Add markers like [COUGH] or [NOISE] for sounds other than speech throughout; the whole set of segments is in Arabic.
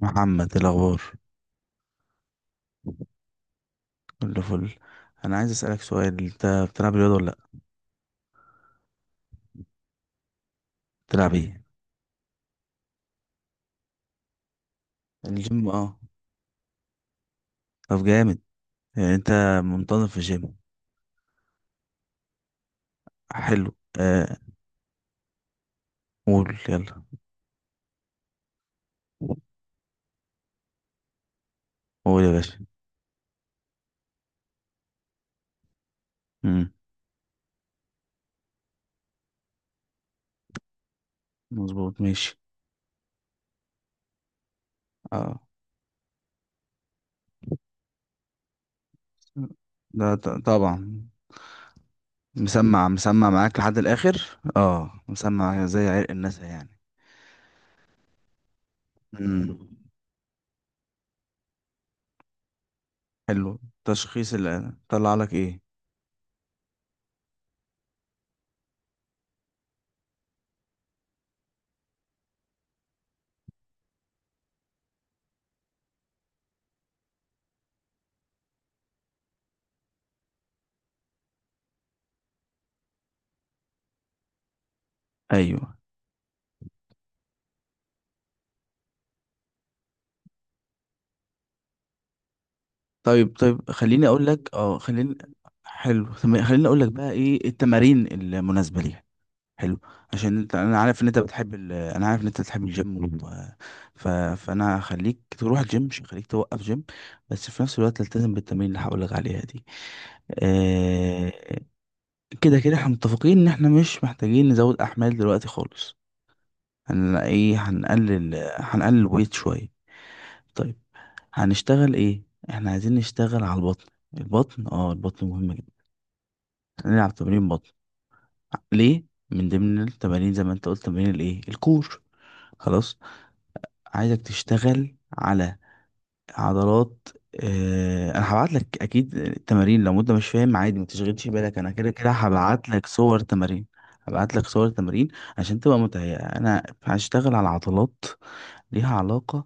محمد، إيه الاخبار؟ كله فل. انا عايز اسالك سؤال، انت بتلعب رياضه ولا لا؟ بتلعب ايه؟ الجيم، اه. طب جامد. يعني انت منتظم في الجيم؟ حلو، آه. قول يلا. قول يا باشا. امم. مظبوط، ماشي. اه، ده طبعا. مسمع معاك لحد الاخر، مسمع زي عرق الناس يعني. امم. حلو، تشخيص اللي طلع لك ايه؟ ايوه. طيب طيب، خليني اقول لك، اه خليني حلو تمام، خليني اقول لك بقى ايه التمارين المناسبه ليها. حلو. عشان انت، انا عارف ان انت بتحب الجيم، ف... فانا هخليك تروح الجيم مش هخليك توقف جيم. بس في نفس الوقت تلتزم بالتمارين اللي هقول لك عليها دي. آه... كده كده احنا متفقين ان احنا مش محتاجين نزود احمال دلوقتي خالص. هن ايه هنقلل هنقلل ويت شويه. طيب، هنشتغل ايه؟ احنا عايزين نشتغل على البطن. البطن مهم جدا. هنلعب تمارين بطن. ليه؟ من ضمن التمارين زي ما انت قلت تمارين الكور. خلاص. عايزك تشتغل على عضلات. اه انا هبعت لك اكيد التمارين لو انت مش فاهم عادي، ما تشغلش بالك، انا كده كده هبعت لك صور تمارين. هبعت لك صور تمارين عشان تبقى متهيئة. انا هشتغل على عضلات ليها علاقة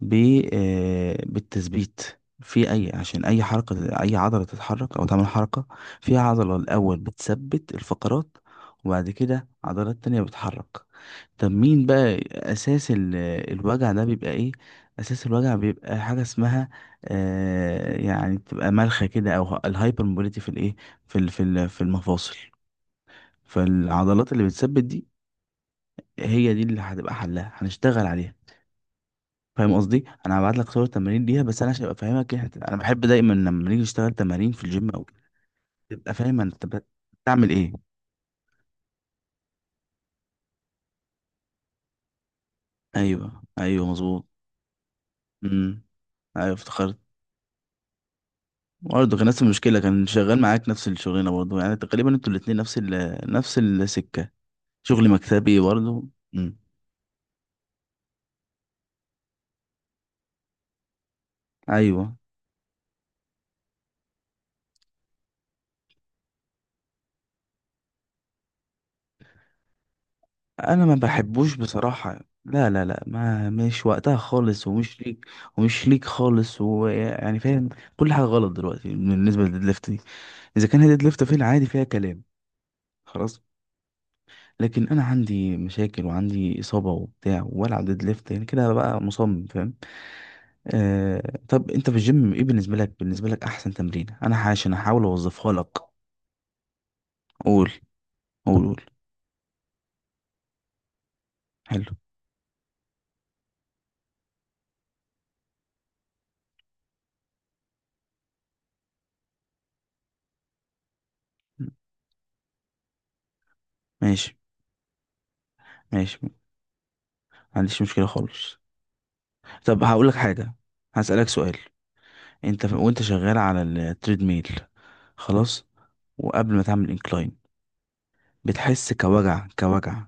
ب آه، بالتثبيت. في أي عشان أي حركة، أي عضلة تتحرك أو تعمل حركة، فيها عضلة الأول بتثبت الفقرات، وبعد كده عضلات تانية بتحرك. طب مين بقى أساس الوجع ده بيبقى إيه؟ أساس الوجع بيبقى حاجة اسمها، يعني بتبقى ملخة كده أو الهايبر موبيليتي في الإيه؟ في المفاصل. فالعضلات اللي بتثبت دي، هي دي اللي هتبقى حلها، هنشتغل عليها. فاهم قصدي؟ انا هبعت لك صور تمارين ليها، بس انا عشان ابقى فاهمك يعني، انا بحب دايما لما نيجي نشتغل تمارين في الجيم او كده، تبقى فاهم انت بتعمل ايه. ايوه ايوه، مظبوط. امم. ايوه، افتكرت. برضه كان نفس المشكله، كان شغال معاك نفس الشغلانه برضه، يعني تقريبا انتوا الاتنين نفس نفس السكه. شغل مكتبي برضه. امم. ايوه، انا ما بحبوش بصراحه. لا لا لا، ما مش وقتها خالص ومش ليك. ومش ليك خالص، ويعني فاهم، كل حاجه غلط دلوقتي بالنسبه للديد ليفت دي. اذا كان هيد ليفت في العادي فيها كلام، خلاص. لكن انا عندي مشاكل وعندي اصابه وبتاع والعب ديد ليفت، يعني كده بقى مصمم، فاهم. طب انت في الجيم، ايه بالنسبه لك، بالنسبه لك احسن تمرين، عشان احاول اوظفها لك. قول، قول، قول. حلو. ماشي، ماشي، ما عنديش مشكله خالص. طب هقول لك حاجه، هسالك سؤال، انت وانت شغال على التريد ميل، خلاص، وقبل ما تعمل انكلاين بتحس كوجع كوجع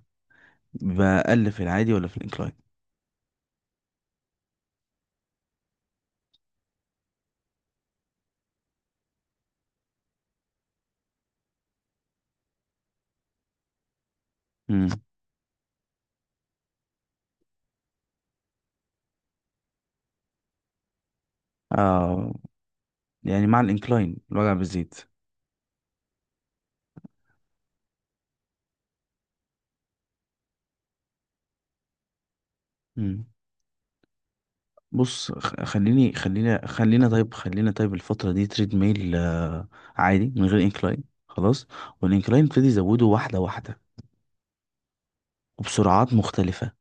بأقل في العادي ولا في الانكلاين؟ مم. آه يعني مع الانكلاين الوجع بيزيد. مم. بص، خ- خليني خلينا خلينا طيب خلينا طيب الفترة دي تريد ميل، عادي من غير انكلاين خلاص. والانكلاين ابتدي يزوده واحدة واحدة وبسرعات مختلفة.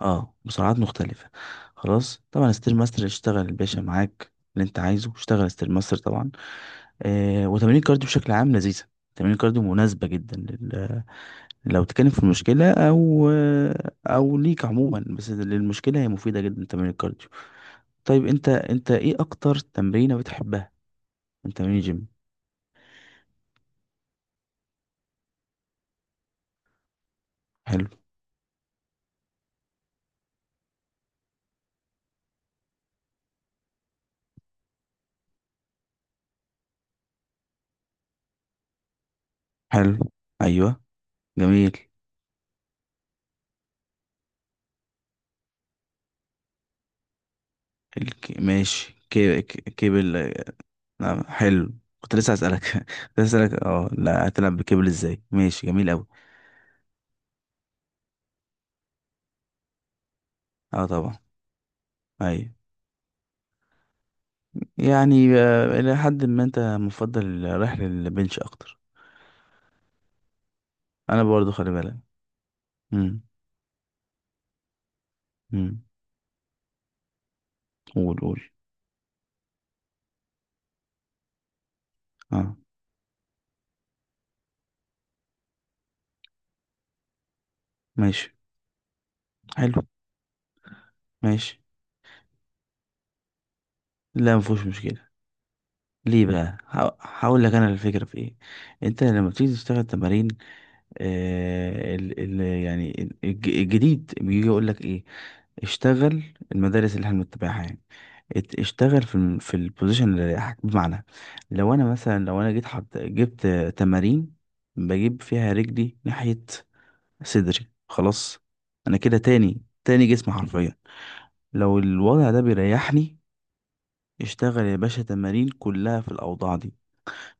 اه، بسرعات مختلفة. خلاص، طبعا ستير ماستر، اشتغل الباشا معاك اللي انت عايزه، اشتغل ستير ماستر طبعا. وتمارين الكارديو بشكل عام لذيذة. تمارين الكارديو مناسبة جدا لو تتكلم في المشكلة أو ليك عموما، بس للمشكلة هي مفيدة جدا تمارين الكارديو. طيب، أنت إيه أكتر تمرينة بتحبها من تمارين الجيم؟ حلو حلو. أيوه. جميل. ماشي، كيبل. نعم، حلو. كنت لسه هسألك. [LAUGHS] كنت لسه هسألك، لا، هتلعب بكيبل ازاي، ماشي جميل أوي. اه، طبعا. أيوه. يعني إلى حد ما أنت مفضل رايح للبنش أكتر. أنا برضو خلي بالك. امم، امم. قول، قول. اه، ماشي، حلو، ماشي. لا، مفيهوش مشكلة، ليه بقى، هقول لك انا الفكرة في ايه. انت لما بتيجي تشتغل تمارين، آه ال ال يعني ال- الج- الجديد بيجي يقول لك ايه؟ اشتغل. المدارس اللي احنا بنتبعها يعني، اشتغل في البوزيشن اللي رايحك. بمعنى، لو انا مثلا، لو انا جيت جبت تمارين بجيب فيها رجلي ناحية صدري، خلاص، انا كده تاني تاني جسم حرفيا. لو الوضع ده بيريحني، اشتغل يا باشا تمارين كلها في الأوضاع دي.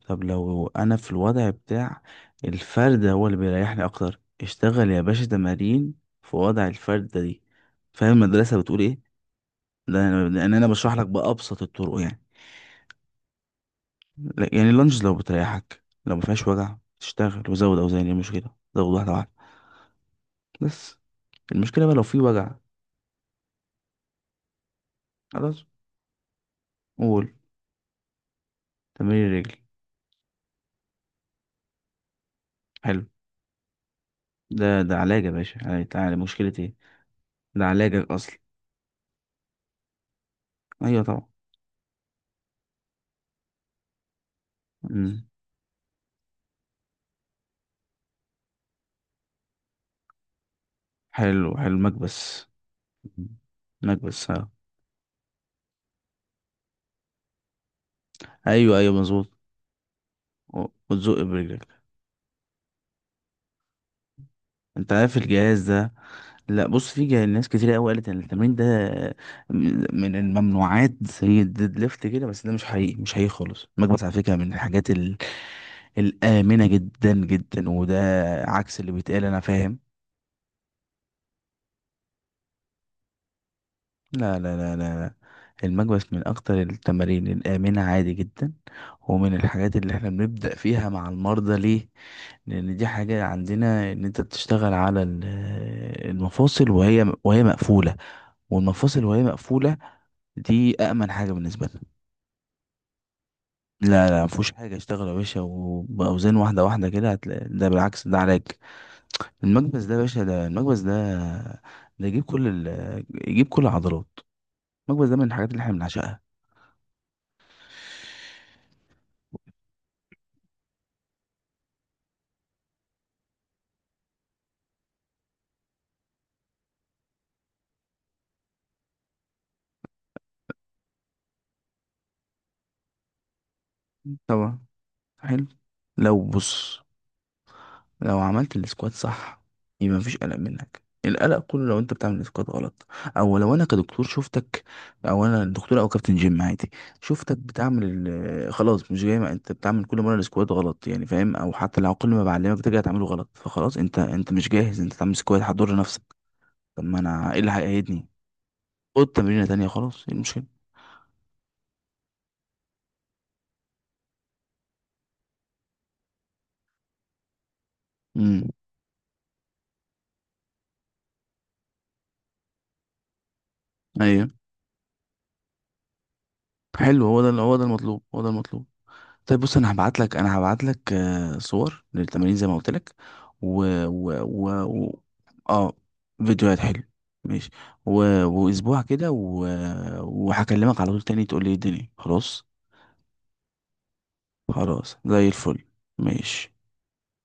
طب لو أنا في الوضع بتاع الفردة هو اللي بيريحني أكتر، اشتغل يا باشا تمارين في وضع الفردة دي. فاهم المدرسة بتقول إيه؟ ده لأن أنا بشرح لك بأبسط الطرق، يعني يعني اللانجز لو بتريحك، لو مفيهاش وجع، تشتغل وزود أوزان، إيه المشكلة، زود واحدة واحدة، بس المشكلة بقى لو في وجع. خلاص، قول. تمارين الرجل، حلو. ده علاج يا باشا، يعني تعالى، مشكلة إيه؟ ده علاجك أصلا. أيوه طبعا. مم. حلو، حلو، مكبس. مكبس، ها. ايوه ايوه، مظبوط. وتزق برجلك. انت عارف الجهاز ده؟ لا، بص، ناس كتير قوي قالت ان التمرين ده من الممنوعات زي الديد ليفت كده، بس ده مش حقيقي، مش حقيقي خالص. المكبس على فكره من الحاجات الامنه جدا جدا، وده عكس اللي بيتقال، انا فاهم. لا لا لا لا لا. المكبس من اكتر التمارين الامنه، عادي جدا، ومن الحاجات اللي احنا بنبدا فيها مع المرضى. ليه؟ لان دي حاجة عندنا ان انت بتشتغل على المفاصل وهي مقفولة. والمفاصل وهي مقفولة، دي أأمن حاجة بالنسبة لنا. لا لا، مفيهوش حاجة، اشتغل يا باشا وبأوزان واحدة واحدة كده، هتلاقي ده بالعكس ده علاج. المكبس ده يا باشا، ده المكبس ده، ده يجيب يجيب كل العضلات. المكبس ده من الحاجات اللي احنا بنعشقها. طبعا. حلو. لو بص، لو عملت السكوات صح، يبقى مفيش قلق منك. القلق كله لو انت بتعمل السكوات غلط، او لو انا كدكتور شفتك، او انا دكتور او كابتن جيم عادي، شفتك بتعمل خلاص مش جاي، ما انت بتعمل كل مره السكوات غلط، يعني فاهم، او حتى لو كل ما بعلمك ترجع تعمله غلط، فخلاص انت مش جاهز انت تعمل سكوات، هتضر نفسك. طب ما انا ايه اللي هيقيدني؟ خد تمرينه تانية، خلاص، ايه المشكله؟ امم. ايوه. حلو، هو ده هو ده المطلوب، هو ده المطلوب. طيب بص، انا هبعت لك صور للتمارين زي ما قلت لك. و و و و- اه، فيديوهات، حلو، ماشي. و... واسبوع كده، وهكلمك على طول تاني، تقول لي إيه الدنيا. خلاص، خلاص زي الفل، ماشي.